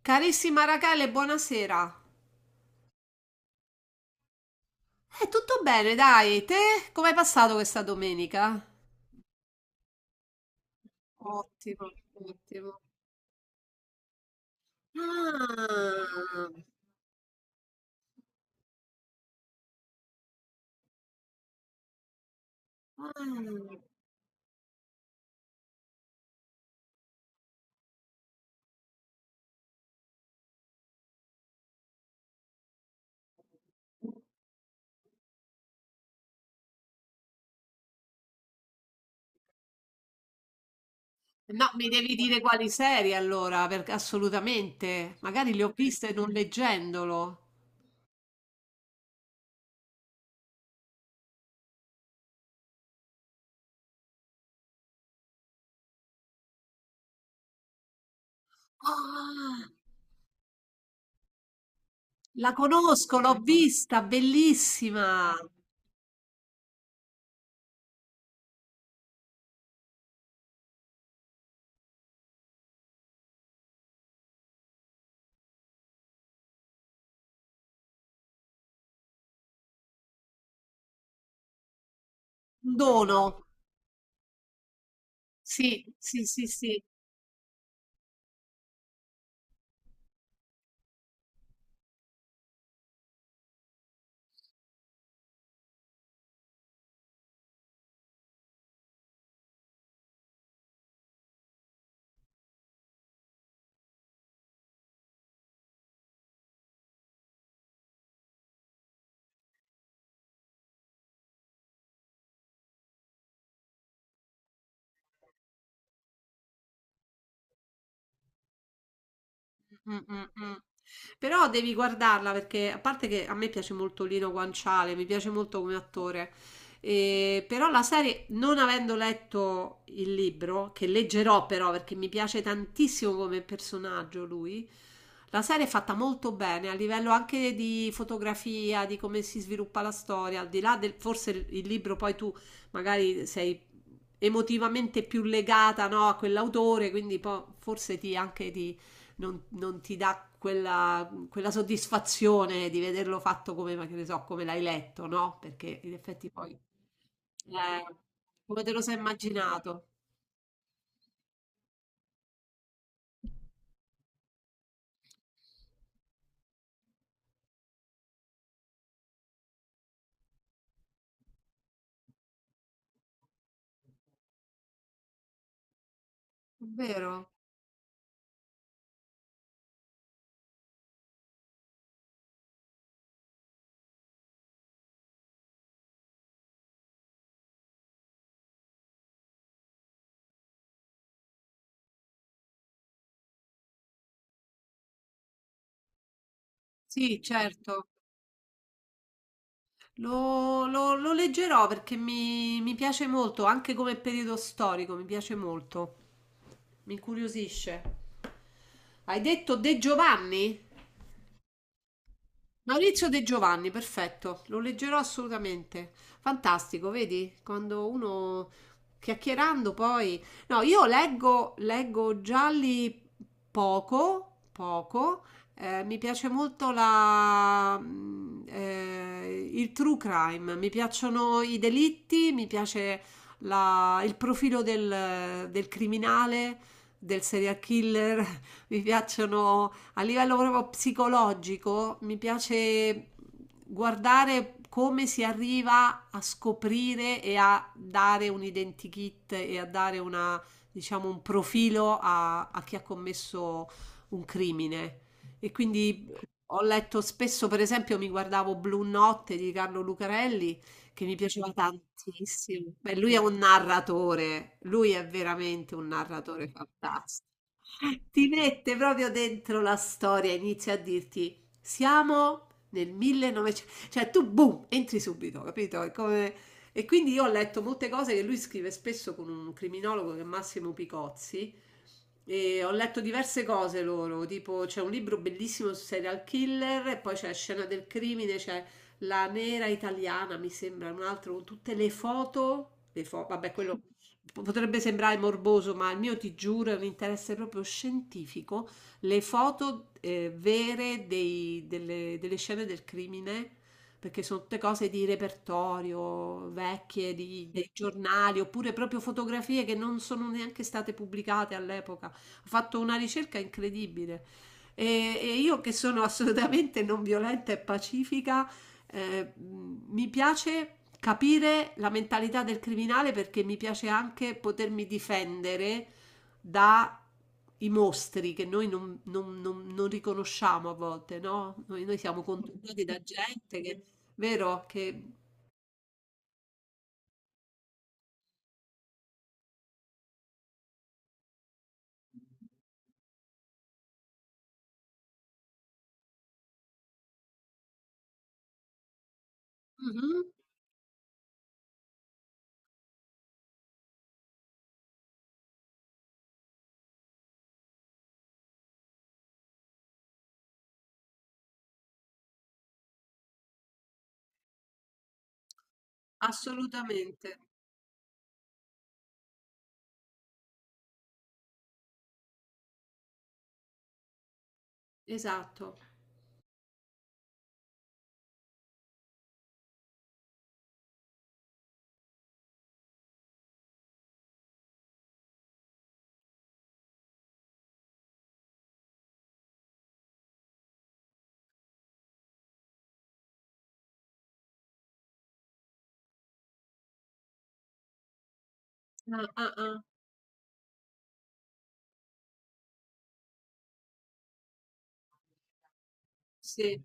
Carissima Rachele, buonasera. È tutto bene, dai. Te? Come hai passato questa domenica? Ottimo, ottimo. Ah, ah. No, mi devi dire quali serie allora, perché assolutamente. Magari le ho viste non leggendolo. Ah, la conosco, l'ho vista, bellissima. Un dono. Sì, sì, sì, sì. Mm, mm, mm. Però devi guardarla perché a parte che a me piace molto Lino Guanciale, mi piace molto come attore, però la serie, non avendo letto il libro, che leggerò però perché mi piace tantissimo come personaggio lui, la serie è fatta molto bene a livello anche di fotografia, di come si sviluppa la storia, al di là del forse il libro poi tu magari sei emotivamente più legata, no, a quell'autore, quindi po- forse ti anche ti non, non ti dà quella, quella soddisfazione di vederlo fatto come, ma che ne so, come l'hai letto, no? Perché in effetti poi, come te lo sei immaginato? È vero? Sì, certo. Lo leggerò perché mi piace molto, anche come periodo storico, mi piace molto, mi incuriosisce. Hai detto De Giovanni? Maurizio De Giovanni, perfetto, lo leggerò assolutamente. Fantastico, vedi? Quando uno chiacchierando poi... No, io leggo, leggo gialli poco, poco. Mi piace molto il true crime, mi piacciono i delitti, mi piace la- il profilo del, del criminale, del serial killer, mi piacciono a livello proprio psicologico mi piace guardare come si arriva a scoprire e a dare un identikit e a dare una, diciamo, un profilo a, a chi ha commesso un crimine. E quindi ho letto spesso, per esempio, mi guardavo Blu notte di Carlo Lucarelli, che mi piaceva tantissimo. Beh, lui è un narratore, lui è veramente un narratore fantastico. Ti mette proprio dentro la storia, inizia a dirti, siamo nel 1900, cioè tu boom, entri subito, capito? È come... E quindi io ho letto molte cose che lui scrive spesso con un criminologo che è Massimo Picozzi, e ho letto diverse cose loro, tipo c'è un libro bellissimo su serial killer e poi c'è Scena del crimine, c'è La nera italiana, mi sembra, un altro con tutte le foto, le fo- vabbè, quello po- potrebbe sembrare morboso, ma il mio ti giuro è un interesse proprio scientifico, le foto vere dei- delle, delle scene del crimine perché sono tutte cose di repertorio, vecchie, di, dei giornali, oppure proprio fotografie che non sono neanche state pubblicate all'epoca. Ho fatto una ricerca incredibile. E, e io che sono assolutamente non violenta e pacifica, mi piace capire la mentalità del criminale perché mi piace anche potermi difendere da i mostri che noi non, non- non- non riconosciamo a volte, no? Noi siamo contornati da gente che. Vero che. Mh-mh. Assolutamente, esatto. Ah, ah, ah. Sì.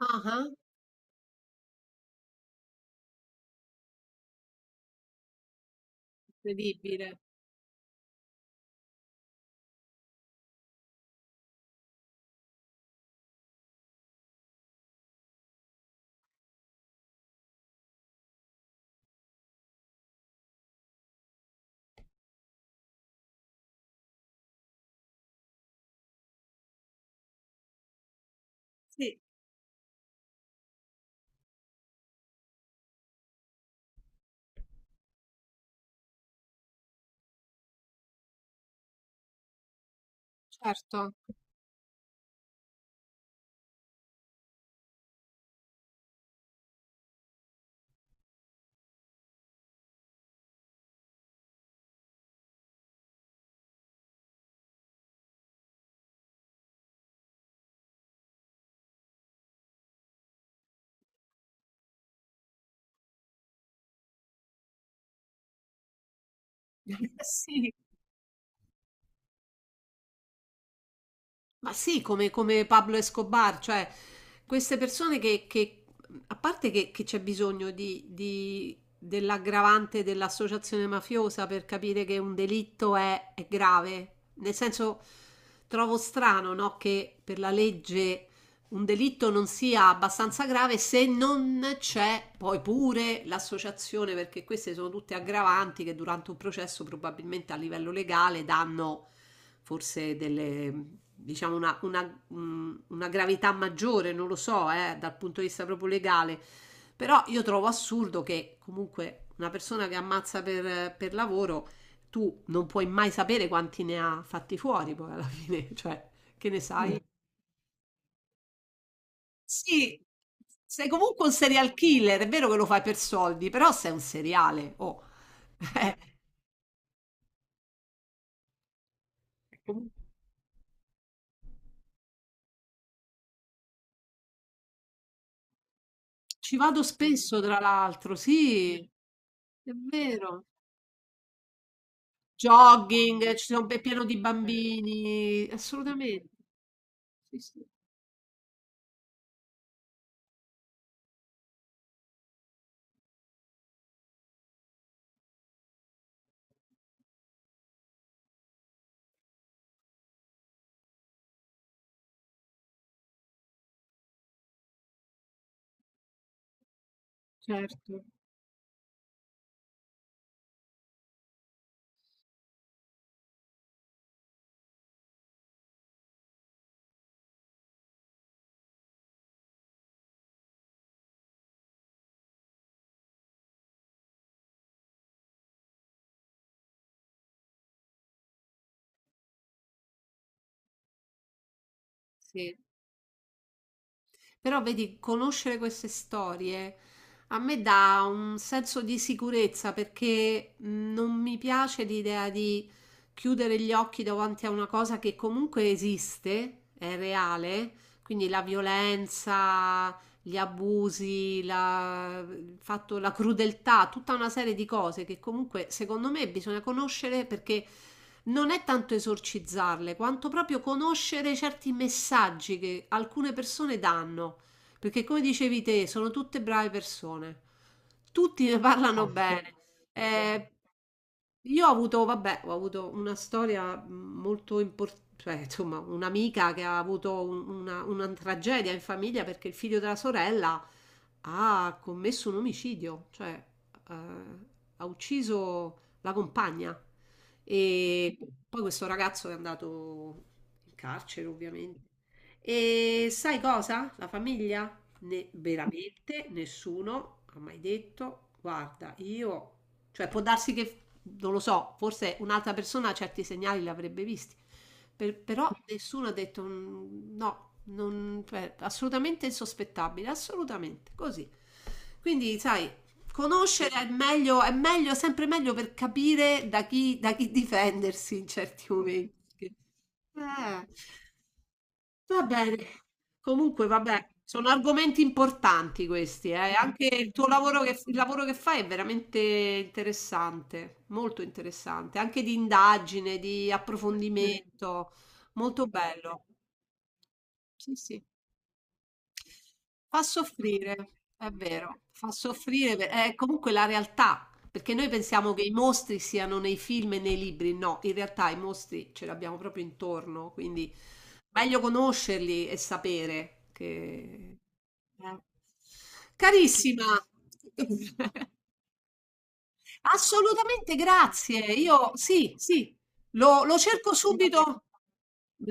Ah-ah, incredibile. Sì. Certo. Sì. Ma sì, come come Pablo Escobar, cioè queste persone che mhmm, a parte che c'è bisogno di dell'aggravante dell'associazione mafiosa per capire che un delitto è grave, nel senso trovo strano, no, che per la legge un delitto non sia abbastanza grave se non c'è poi pure l'associazione, perché queste sono tutte aggravanti che durante un processo probabilmente a livello legale danno forse delle, diciamo una- un- una gravità maggiore, non lo so, dal punto di vista proprio legale. Però io trovo assurdo che comunque una persona che ammazza per lavoro, tu non puoi mai sapere quanti ne ha fatti fuori poi alla fine, cioè, che ne sai? Sì, sei comunque un serial killer, è vero che lo fai per soldi, però sei un seriale, oh. Eh, ci vado spesso, tra l'altro, sì, è vero. Jogging, ci sono, è pieno di bambini, assolutamente. Sì, sì, certo, sì. Però vedi, conoscere queste storie a me dà un senso di sicurezza perché non mi piace l'idea di chiudere gli occhi davanti a una cosa che comunque esiste, è reale, quindi la violenza, gli abusi, la, il fatto- la crudeltà, tutta una serie di cose che comunque secondo me bisogna conoscere perché non è tanto esorcizzarle, quanto proprio conoscere certi messaggi che alcune persone danno. Perché come dicevi te, sono tutte brave persone. Tutti ne parlano bene. Eh, io ho avuto, vabbè, ho avuto una storia molto importante, insomma, un'amica che ha avuto un- una tragedia in famiglia perché il figlio della sorella ha commesso un omicidio, cioè eh, ha ucciso la compagna. E poi questo ragazzo è andato in carcere, ovviamente. E sai cosa? La famiglia? Ne- veramente nessuno ha mai detto, guarda, io, cioè può darsi che, non lo so, forse un'altra persona certi segnali li avrebbe visti, per- però nessuno ha detto "Mm, no, non- cioè, assolutamente insospettabile, assolutamente, così". Quindi, sai, conoscere è meglio, sempre meglio per capire da chi difendersi in certi momenti. Eh. Va bene, comunque vabbè, sono argomenti importanti questi, eh. Anche il tuo lavoro che, il lavoro che fai è veramente interessante, molto interessante, anche di indagine, di approfondimento, molto bello. Sì, sì, fa soffrire, è vero, fa soffrire, per- è comunque la realtà, perché noi pensiamo che i mostri siano nei film e nei libri, no, in realtà i mostri ce li abbiamo proprio intorno, quindi meglio conoscerli e sapere che... Carissima, assolutamente grazie. Io sì, sì, lo, lo cerco subito.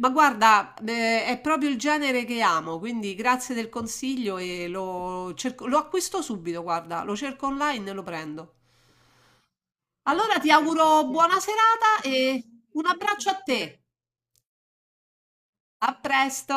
Ma guarda, è proprio il genere che amo, quindi grazie del consiglio e lo cerco- lo acquisto subito, guarda, lo cerco online e lo prendo. Allora ti auguro buona serata e un abbraccio a te. A presto.